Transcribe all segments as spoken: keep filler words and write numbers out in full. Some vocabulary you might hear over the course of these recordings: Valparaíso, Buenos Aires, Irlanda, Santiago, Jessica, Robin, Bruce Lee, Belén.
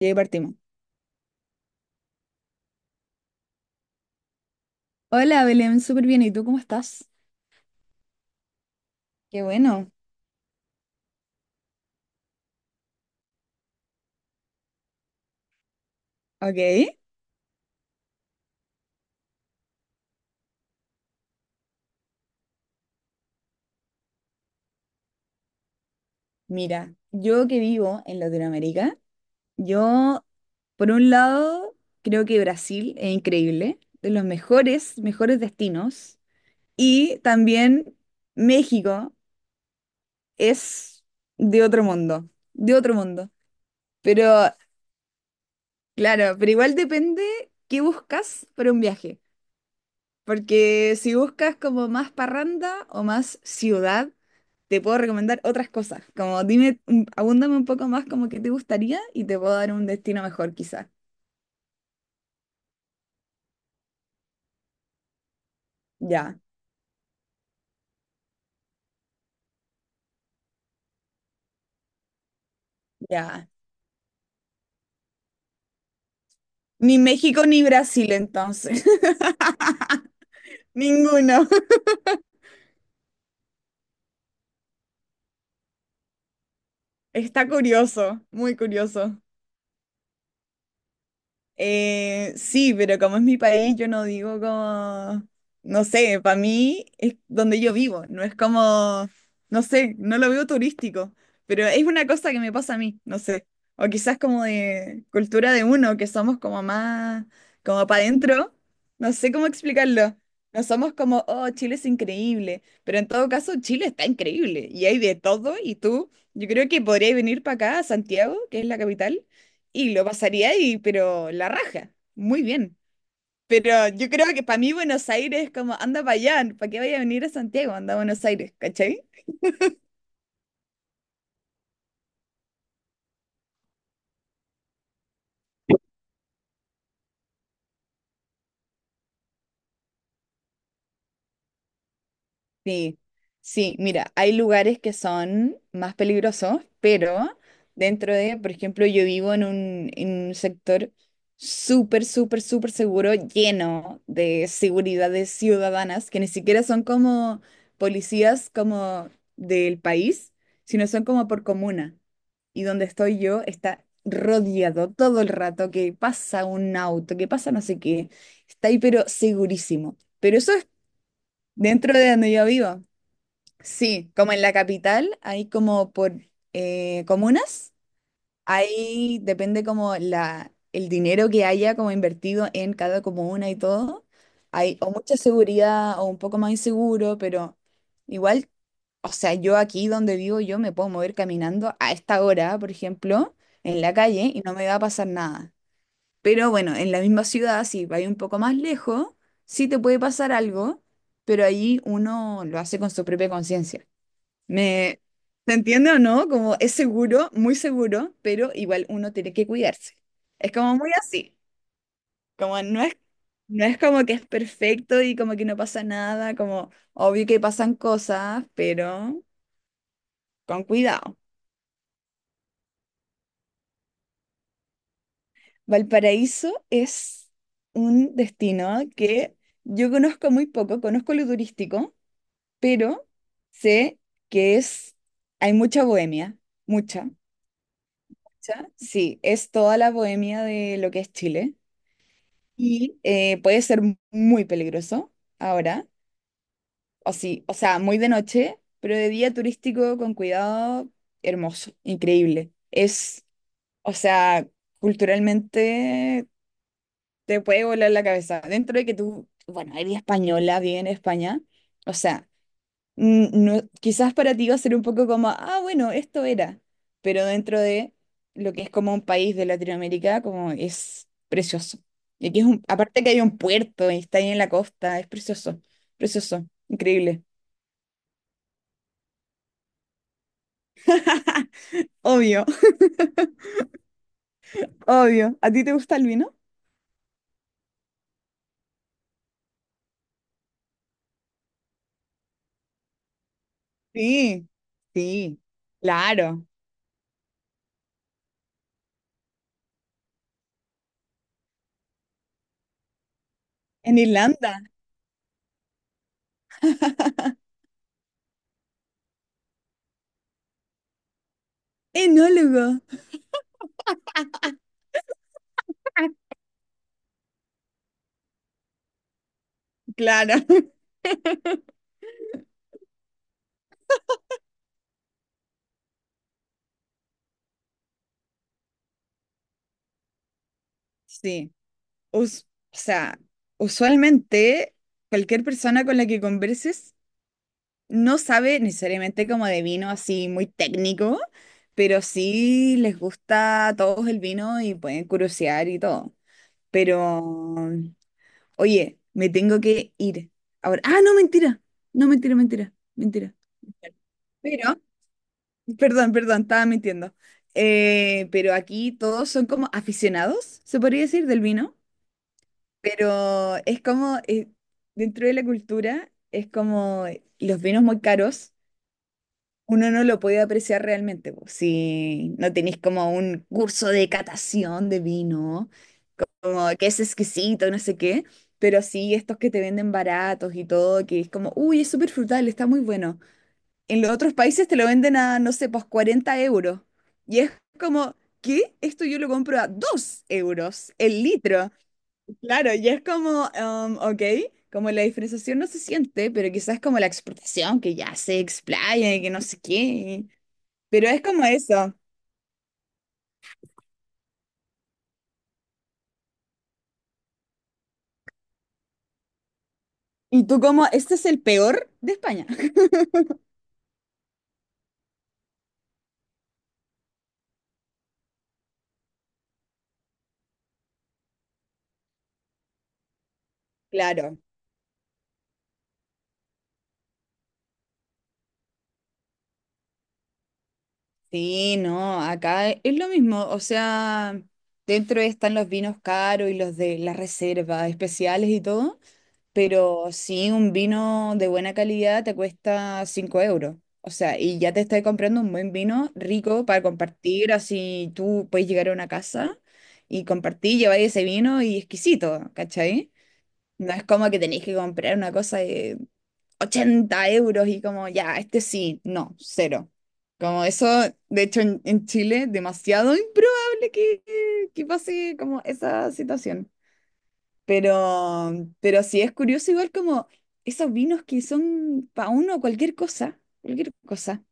Y ahí partimos. Hola Belén, súper bien. ¿Y tú cómo estás? Qué bueno. Ok. Mira, yo que vivo en Latinoamérica, yo por un lado creo que Brasil es increíble, de los mejores, mejores destinos, y también México es de otro mundo, de otro mundo. Pero claro, pero igual depende qué buscas para un viaje, porque si buscas como más parranda o más ciudad, te puedo recomendar otras cosas. Como dime, mm, abúndame un poco más como que te gustaría y te puedo dar un destino mejor quizás. Ya, ya. Ni México ni Brasil entonces. Ninguno. Está curioso, muy curioso. Eh, sí, pero como es mi país, yo no digo como, no sé, para mí es donde yo vivo, no es como, no sé, no lo veo turístico, pero es una cosa que me pasa a mí, no sé, o quizás como de cultura de uno, que somos como más, como para adentro, no sé cómo explicarlo, no somos como, oh, Chile es increíble, pero en todo caso Chile está increíble y hay de todo y tú, yo creo que podrías venir para acá, a Santiago, que es la capital y lo pasaría ahí, pero la raja. Muy bien. Pero yo creo que para mí Buenos Aires es como, anda para allá, ¿para qué vaya a venir a Santiago? Anda a Buenos Aires, ¿cachai? Sí, sí, mira, hay lugares que son más peligrosos, pero dentro de, por ejemplo, yo vivo en un, en un sector súper, súper, súper seguro, lleno de seguridades ciudadanas, que ni siquiera son como policías como del país, sino son como por comuna. Y donde estoy yo está rodeado todo el rato, que pasa un auto, que pasa no sé qué. Está ahí, pero segurísimo. Pero eso es dentro de donde yo vivo. Sí, como en la capital, hay como por eh, comunas, ahí depende como la, el dinero que haya como invertido en cada comuna y todo. Hay o mucha seguridad o un poco más inseguro, pero igual, o sea, yo aquí donde vivo, yo me puedo mover caminando a esta hora, por ejemplo, en la calle y no me va a pasar nada. Pero bueno, en la misma ciudad, si vais un poco más lejos, sí te puede pasar algo, pero ahí uno lo hace con su propia conciencia. ¿Me se entiende o no? Como es seguro, muy seguro, pero igual uno tiene que cuidarse. Es como muy así, como no es, no es como que es perfecto y como que no pasa nada, como obvio que pasan cosas, pero con cuidado. Valparaíso es un destino que yo conozco muy poco, conozco lo turístico, pero sé que es, hay mucha bohemia, mucha, mucha. Sí, es toda la bohemia de lo que es Chile y eh, puede ser muy peligroso ahora, o sí, o sea, muy de noche, pero de día turístico con cuidado, hermoso, increíble. Es, o sea, culturalmente te puede volar la cabeza. Dentro de que tú, bueno, eres española, vives en España, o sea, mm, no, quizás para ti va a ser un poco como, ah, bueno, esto era, pero dentro de lo que es como un país de Latinoamérica, como es precioso. Y aquí es un, aparte que hay un puerto y está ahí en la costa, es precioso, precioso, increíble. Obvio, obvio. ¿A ti te gusta el vino? Sí, sí, claro. En Irlanda, enólogo, claro. Sí. Us- o sea, usualmente cualquier persona con la que converses no sabe necesariamente como de vino así muy técnico, pero sí les gusta a todos el vino y pueden curiosear y todo. Pero, oye, me tengo que ir. Ahora, ah, no, mentira. No, mentira, mentira, mentira. Pero, perdón, perdón, estaba mintiendo. Eh, pero aquí todos son como aficionados, se podría decir, del vino. Pero es como, eh, dentro de la cultura, es como eh, los vinos muy caros, uno no lo puede apreciar realmente, po, si no tenéis como un curso de catación de vino, como que es exquisito, no sé qué, pero sí estos que te venden baratos y todo, que es como, uy, es súper frutal, está muy bueno. En los otros países te lo venden a, no sé, pues cuarenta euros. Y es como, ¿qué? Esto yo lo compro a dos euros el litro. Claro, y es como, um, ok, como la diferenciación no se siente, pero quizás como la exportación, que ya se explaya y que no sé qué, pero es como eso. Y tú como, este es el peor de España. Claro, sí, no, acá es lo mismo, o sea, dentro están los vinos caros y los de la reserva especiales y todo. Pero sí, un vino de buena calidad te cuesta cinco euros. O sea, y ya te estás comprando un buen vino rico para compartir, así tú puedes llegar a una casa y compartir, llevar ese vino y exquisito, ¿cachai? No es como que tenéis que comprar una cosa de ochenta euros y como, ya, este sí, no, cero. Como eso, de hecho, en, en Chile, demasiado improbable que, que pase como esa situación. Pero, pero sí es curioso igual como esos vinos que son para uno cualquier cosa, cualquier cosa.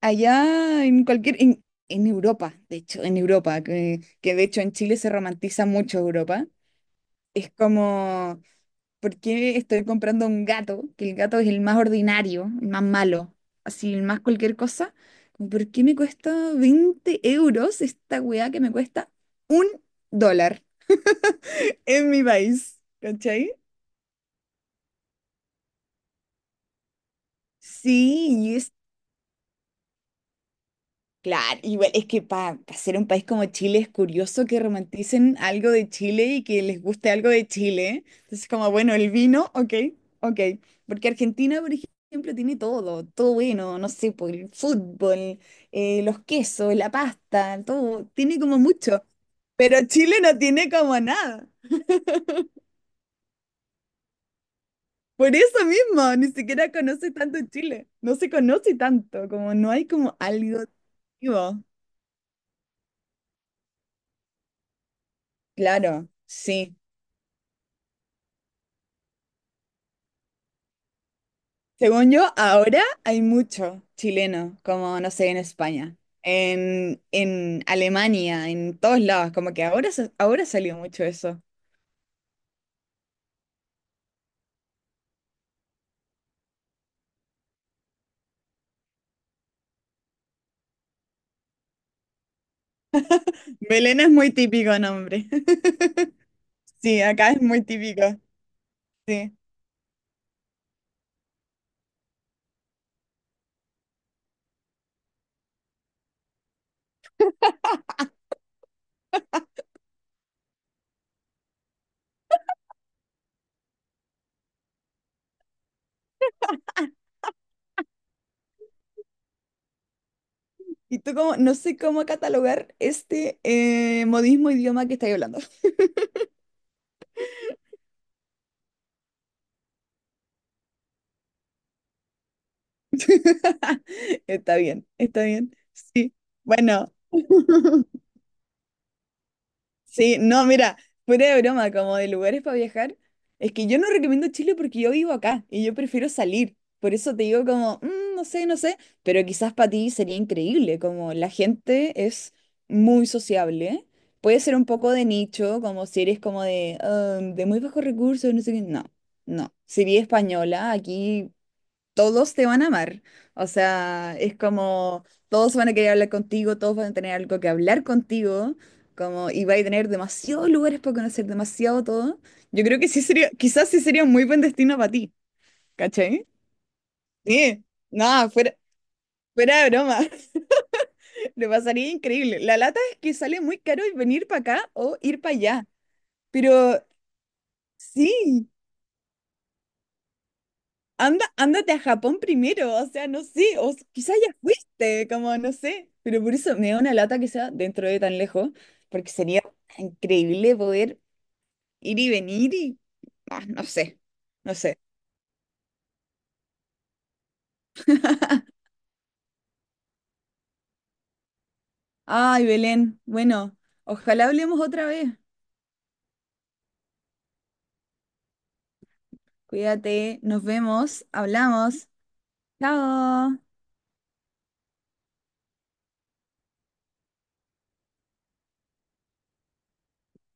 Allá en cualquier, en, en Europa, de hecho, en Europa, que, que de hecho en Chile se romantiza mucho Europa. Es como, ¿por qué estoy comprando un gato? Que el gato es el más ordinario, el más malo, así, el más cualquier cosa. Como, ¿por qué me cuesta veinte euros esta weá que me cuesta un dólar en mi país? ¿Cachai? Sí, y es claro, igual es que para ser un país como Chile es curioso que romanticen algo de Chile y que les guste algo de Chile. Entonces, como bueno, el vino, ok, ok. Porque Argentina, por ejemplo, tiene todo, todo bueno, no sé, por el fútbol, eh, los quesos, la pasta, todo, tiene como mucho. Pero Chile no tiene como nada. Por eso mismo, ni siquiera conoce tanto Chile. No se conoce tanto, como no hay como algo. Vivo. Claro, sí. Según yo, ahora hay mucho chileno, como no sé, en España, en, en Alemania, en todos lados, como que ahora, se- ahora salió mucho eso. Belén es muy típico nombre. Sí, acá es muy típico. Sí. Y tú como, no sé cómo catalogar este eh, modismo idioma que estáis hablando. Está bien, está bien. Sí. Bueno. Sí, no, mira, fuera de broma, como de lugares para viajar, es que yo no recomiendo Chile porque yo vivo acá y yo prefiero salir. Por eso te digo como, "Mm, no sé, no sé, pero quizás para ti sería increíble, como la gente es muy sociable. Puede ser un poco de nicho, como si eres como de, "Ah, de muy bajos recursos, no sé qué. No, no. Si eres española, aquí todos te van a amar. O sea, es como todos van a querer hablar contigo, todos van a tener algo que hablar contigo, como y vais a tener demasiados lugares para conocer, demasiado todo. Yo creo que sí sería, quizás sí sería un muy buen destino para ti, ¿cachai? Sí, nada, fuera, fuera de broma. Le pasaría increíble. La lata es que sale muy caro venir para acá o ir para allá. Pero sí, anda, ándate a Japón primero, o sea, no sé, o s- quizás ya fuiste, como no sé, pero por eso me da una lata que sea dentro de tan lejos, porque sería increíble poder ir y venir y ah, no sé, no sé. Ay, Belén, bueno, ojalá hablemos otra vez. Cuídate, nos vemos, hablamos. Chao.